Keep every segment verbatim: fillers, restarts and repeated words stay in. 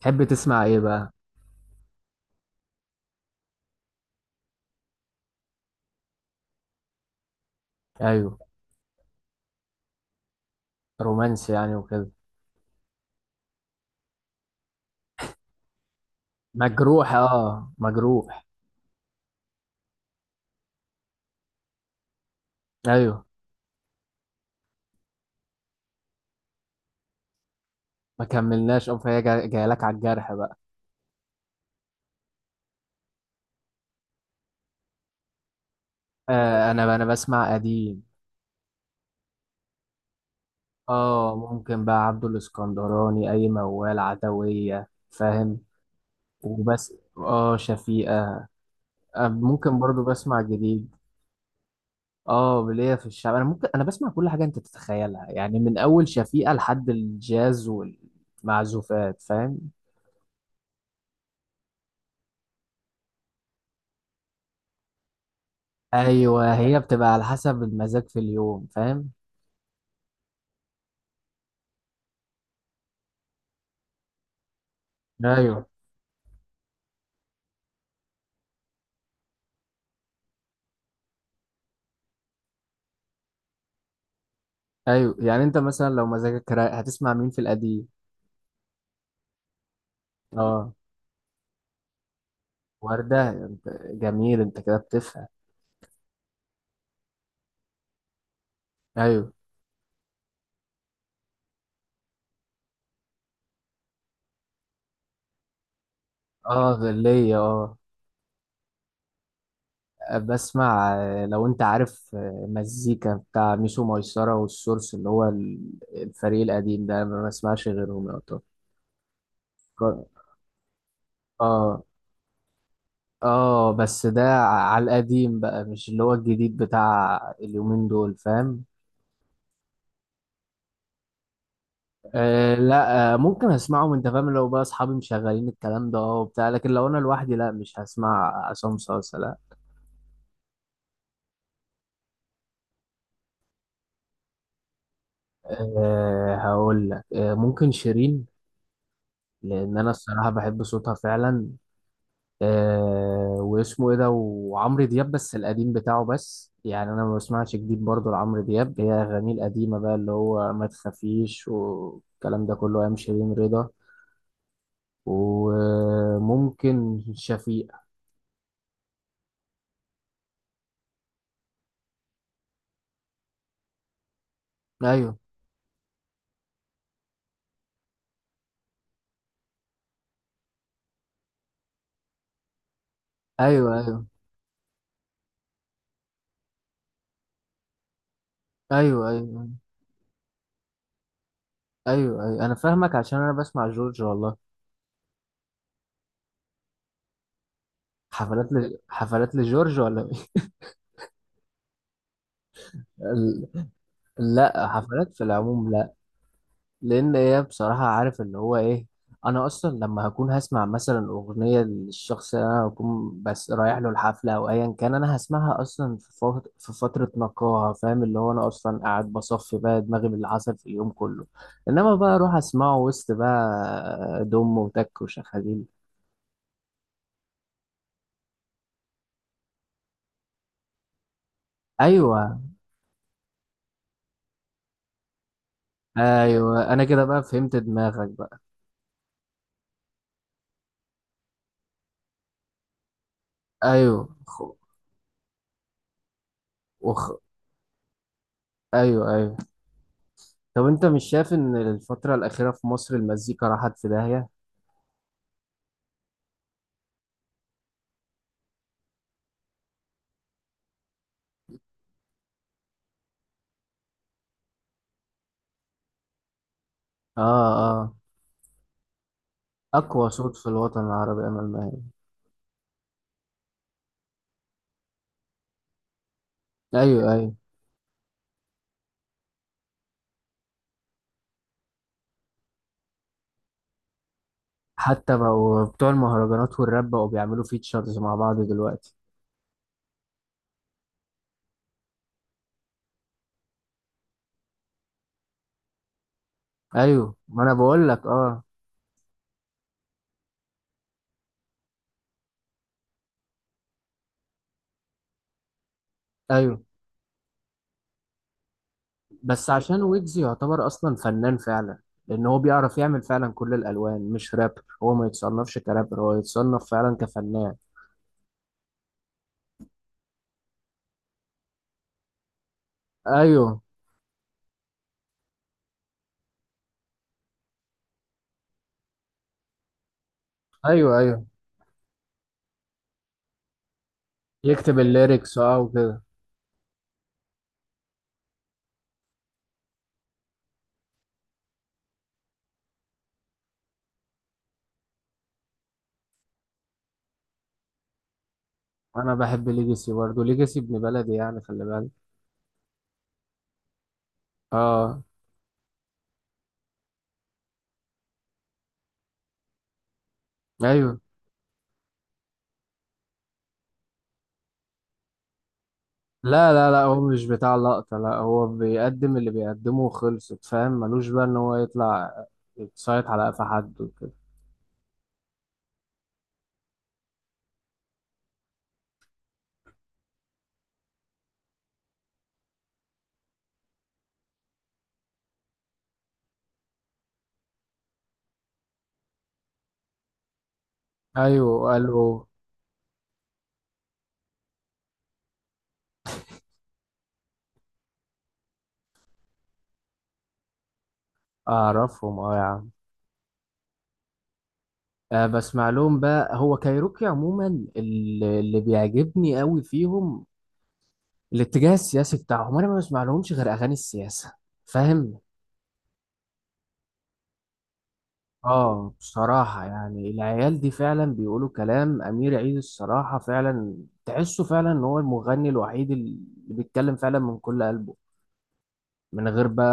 تحب تسمع ايه بقى؟ ايوه، رومانسي يعني وكده. مجروح، اه مجروح. ايوه، ما كملناش اه. فهي جا- جايه لك على الجرح بقى. آه، انا انا بسمع قديم. اه، ممكن بقى عبد الاسكندراني، اي موال عدوية فاهم. وبس اه، شفيقة. آه، ممكن برضو بسمع جديد. اه، ليا في الشعب، انا ممكن انا بسمع كل حاجه انت تتخيلها يعني، من اول شفيقة لحد الجاز والمعزوفات فاهم. ايوه، هي بتبقى على حسب المزاج في اليوم فاهم. ايوه ايوه. يعني انت مثلا لو مزاجك رايق هتسمع مين في القديم؟ اه وردة، انت جميل انت كده بتفهم. ايوه. اه غلية اه. بسمع آه، لو انت عارف آه، مزيكا بتاع ميسو ميسرة والسورس اللي هو ال- الفريق القديم ده، ما بسمعش غيرهم يا طب. اه. اه بس ده ع- على القديم بقى، مش اللي هو الجديد بتاع اليومين دول فاهم. أه لا، أه ممكن اسمعهم انت فاهم، لو بقى اصحابي مشغلين الكلام ده اه وبتاع، لكن لو انا لوحدي لا، مش هسمع عصام صاصا لا. أه هقول لك، أه ممكن شيرين، لان انا الصراحه بحب صوتها فعلا. أه واسمه ايه ده، وعمرو دياب بس القديم بتاعه بس، يعني انا ما بسمعش جديد برضه لعمرو دياب، هي اغانيه القديمه بقى اللي هو ما تخافيش والكلام ده كله، ايام شيرين رضا. وممكن شفيق. ايوه ايوه ايوه ايوه ايوه ايوه. ايوه انا فاهمك، عشان انا بسمع جورج والله. حفلات ل... حفلات لجورج ولا إيه؟ ال- لا، حفلات في العموم لا. لان هي بصراحه عارف اللي هو ايه، انا اصلا لما هكون هسمع مثلا اغنيه للشخص اللي انا هكون بس رايح له الحفله او ايا كان، انا هسمعها اصلا في فت- في فتره نقاهه فاهم، اللي هو انا اصلا قاعد بصفي بقى دماغي باللي حصل في اليوم كله. انما بقى اروح اسمعه وسط بقى دم وتك وشخاليل. ايوه ايوه، انا كده بقى فهمت دماغك. ايوه خ- وخ... ايوه ايوه. طب انت مش شايف ان الفترة الأخيرة في مصر المزيكا راحت في داهية؟ اه اه. اقوى صوت في الوطن العربي امل ماهر. ايوه ايوه. حتى بقوا بتوع المهرجانات والراب بقوا بيعملوا فيتشرز مع بعض دلوقتي. ايوه ما انا بقول لك اه. ايوه بس عشان ويجز يعتبر اصلا فنان فعلا، لان هو بيعرف يعمل فعلا كل الالوان مش راب، هو ما يتصنفش كرابر، هو يتصنف فعلا كفنان. ايوه ايوه. ايوه يكتب الليركس اه وكده. انا بحب ليجاسي برضه، ليجاسي ابن بلدي يعني خلي بالك. اه. ايوه. لا لا لا، هو مش بتاع لقطة، لا هو بيقدم اللي بيقدمه وخلصت فاهم، ملوش بقى ان هو يطلع يتصايد على قفا حد وكده. ايوه قالوا. اعرفهم اه يا عم. آه بسمع لهم بقى، هو كايروكي عموما اللي, اللي بيعجبني قوي فيهم الاتجاه السياسي بتاعهم، انا ما بسمع لهمش غير اغاني السياسة فاهم. اه بصراحة، يعني العيال دي فعلا بيقولوا كلام، أمير عيد الصراحة فعلا تحسه فعلا إن هو المغني الوحيد اللي بيتكلم فعلا من كل قلبه، من غير بقى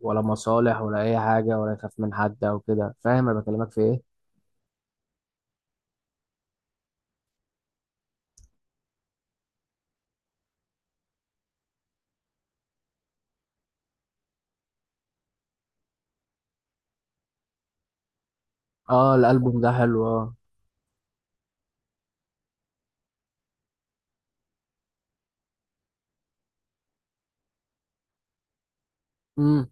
ولا مصالح ولا أي حاجة ولا يخاف من حد أو كده فاهم، أنا بكلمك في إيه؟ اه الألبوم ده حلو اه. امم.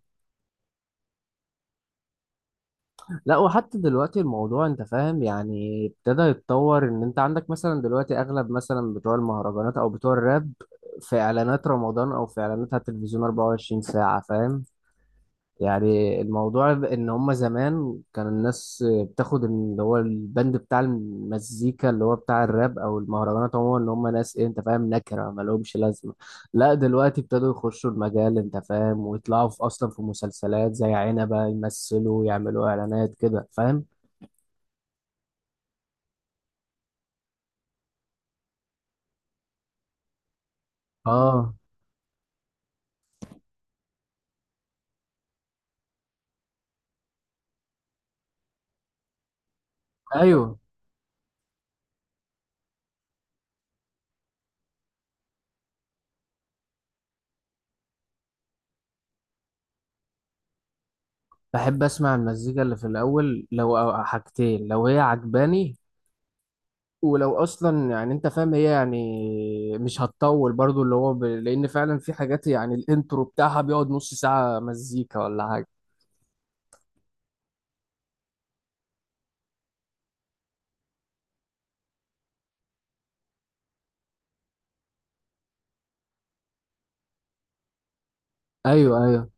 لا وحتى دلوقتي الموضوع انت فاهم، يعني ابتدى يتطور ان انت عندك مثلا دلوقتي، اغلب مثلا بتوع المهرجانات او بتوع الراب في اعلانات رمضان او في اعلانات على التلفزيون أربعة وعشرين ساعة فاهم. يعني الموضوع ان هما زمان كان الناس بتاخد اللي هو البند بتاع المزيكا اللي هو بتاع الراب او المهرجانات عموما، ان هما ناس ايه انت فاهم، نكره ما لهمش لازمه. لا دلوقتي ابتدوا يخشوا المجال انت فاهم، ويطلعوا في اصلا في مسلسلات زي عنبه يمثلوا، يعملوا اعلانات كده فاهم. اه. ايوه بحب اسمع المزيكا اللي في الاول، لو أو حاجتين لو هي عجباني، ولو اصلا يعني انت فاهم هي يعني مش هتطول برضو اللي هو ب... لان فعلا في حاجات يعني الانترو بتاعها بيقعد نص ساعة مزيكا ولا حاجة. ايوه ايوه.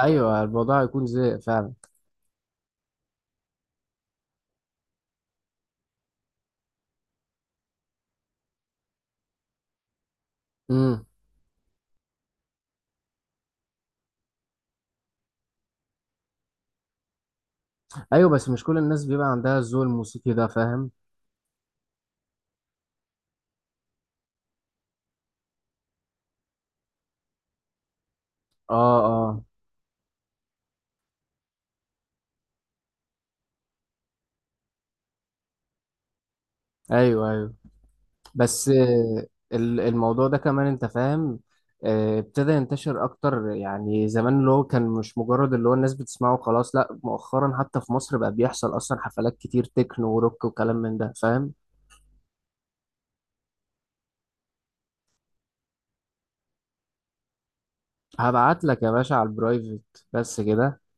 ايوه الموضوع هيكون زي فعلا. امم. ايوه بس مش كل الناس بيبقى عندها الذوق الموسيقي ده فاهم. اه اه. ايوه ايوه. بس آه، ال- الموضوع ده كمان انت فاهم، آه، ابتدى ينتشر اكتر، يعني زمان اللي هو كان مش مجرد اللي هو الناس بتسمعه خلاص، لا مؤخرا حتى في مصر بقى بيحصل اصلا حفلات كتير تكنو وروك وكلام من ده فاهم. هبعت لك يا باشا على البرايفت. بس كده.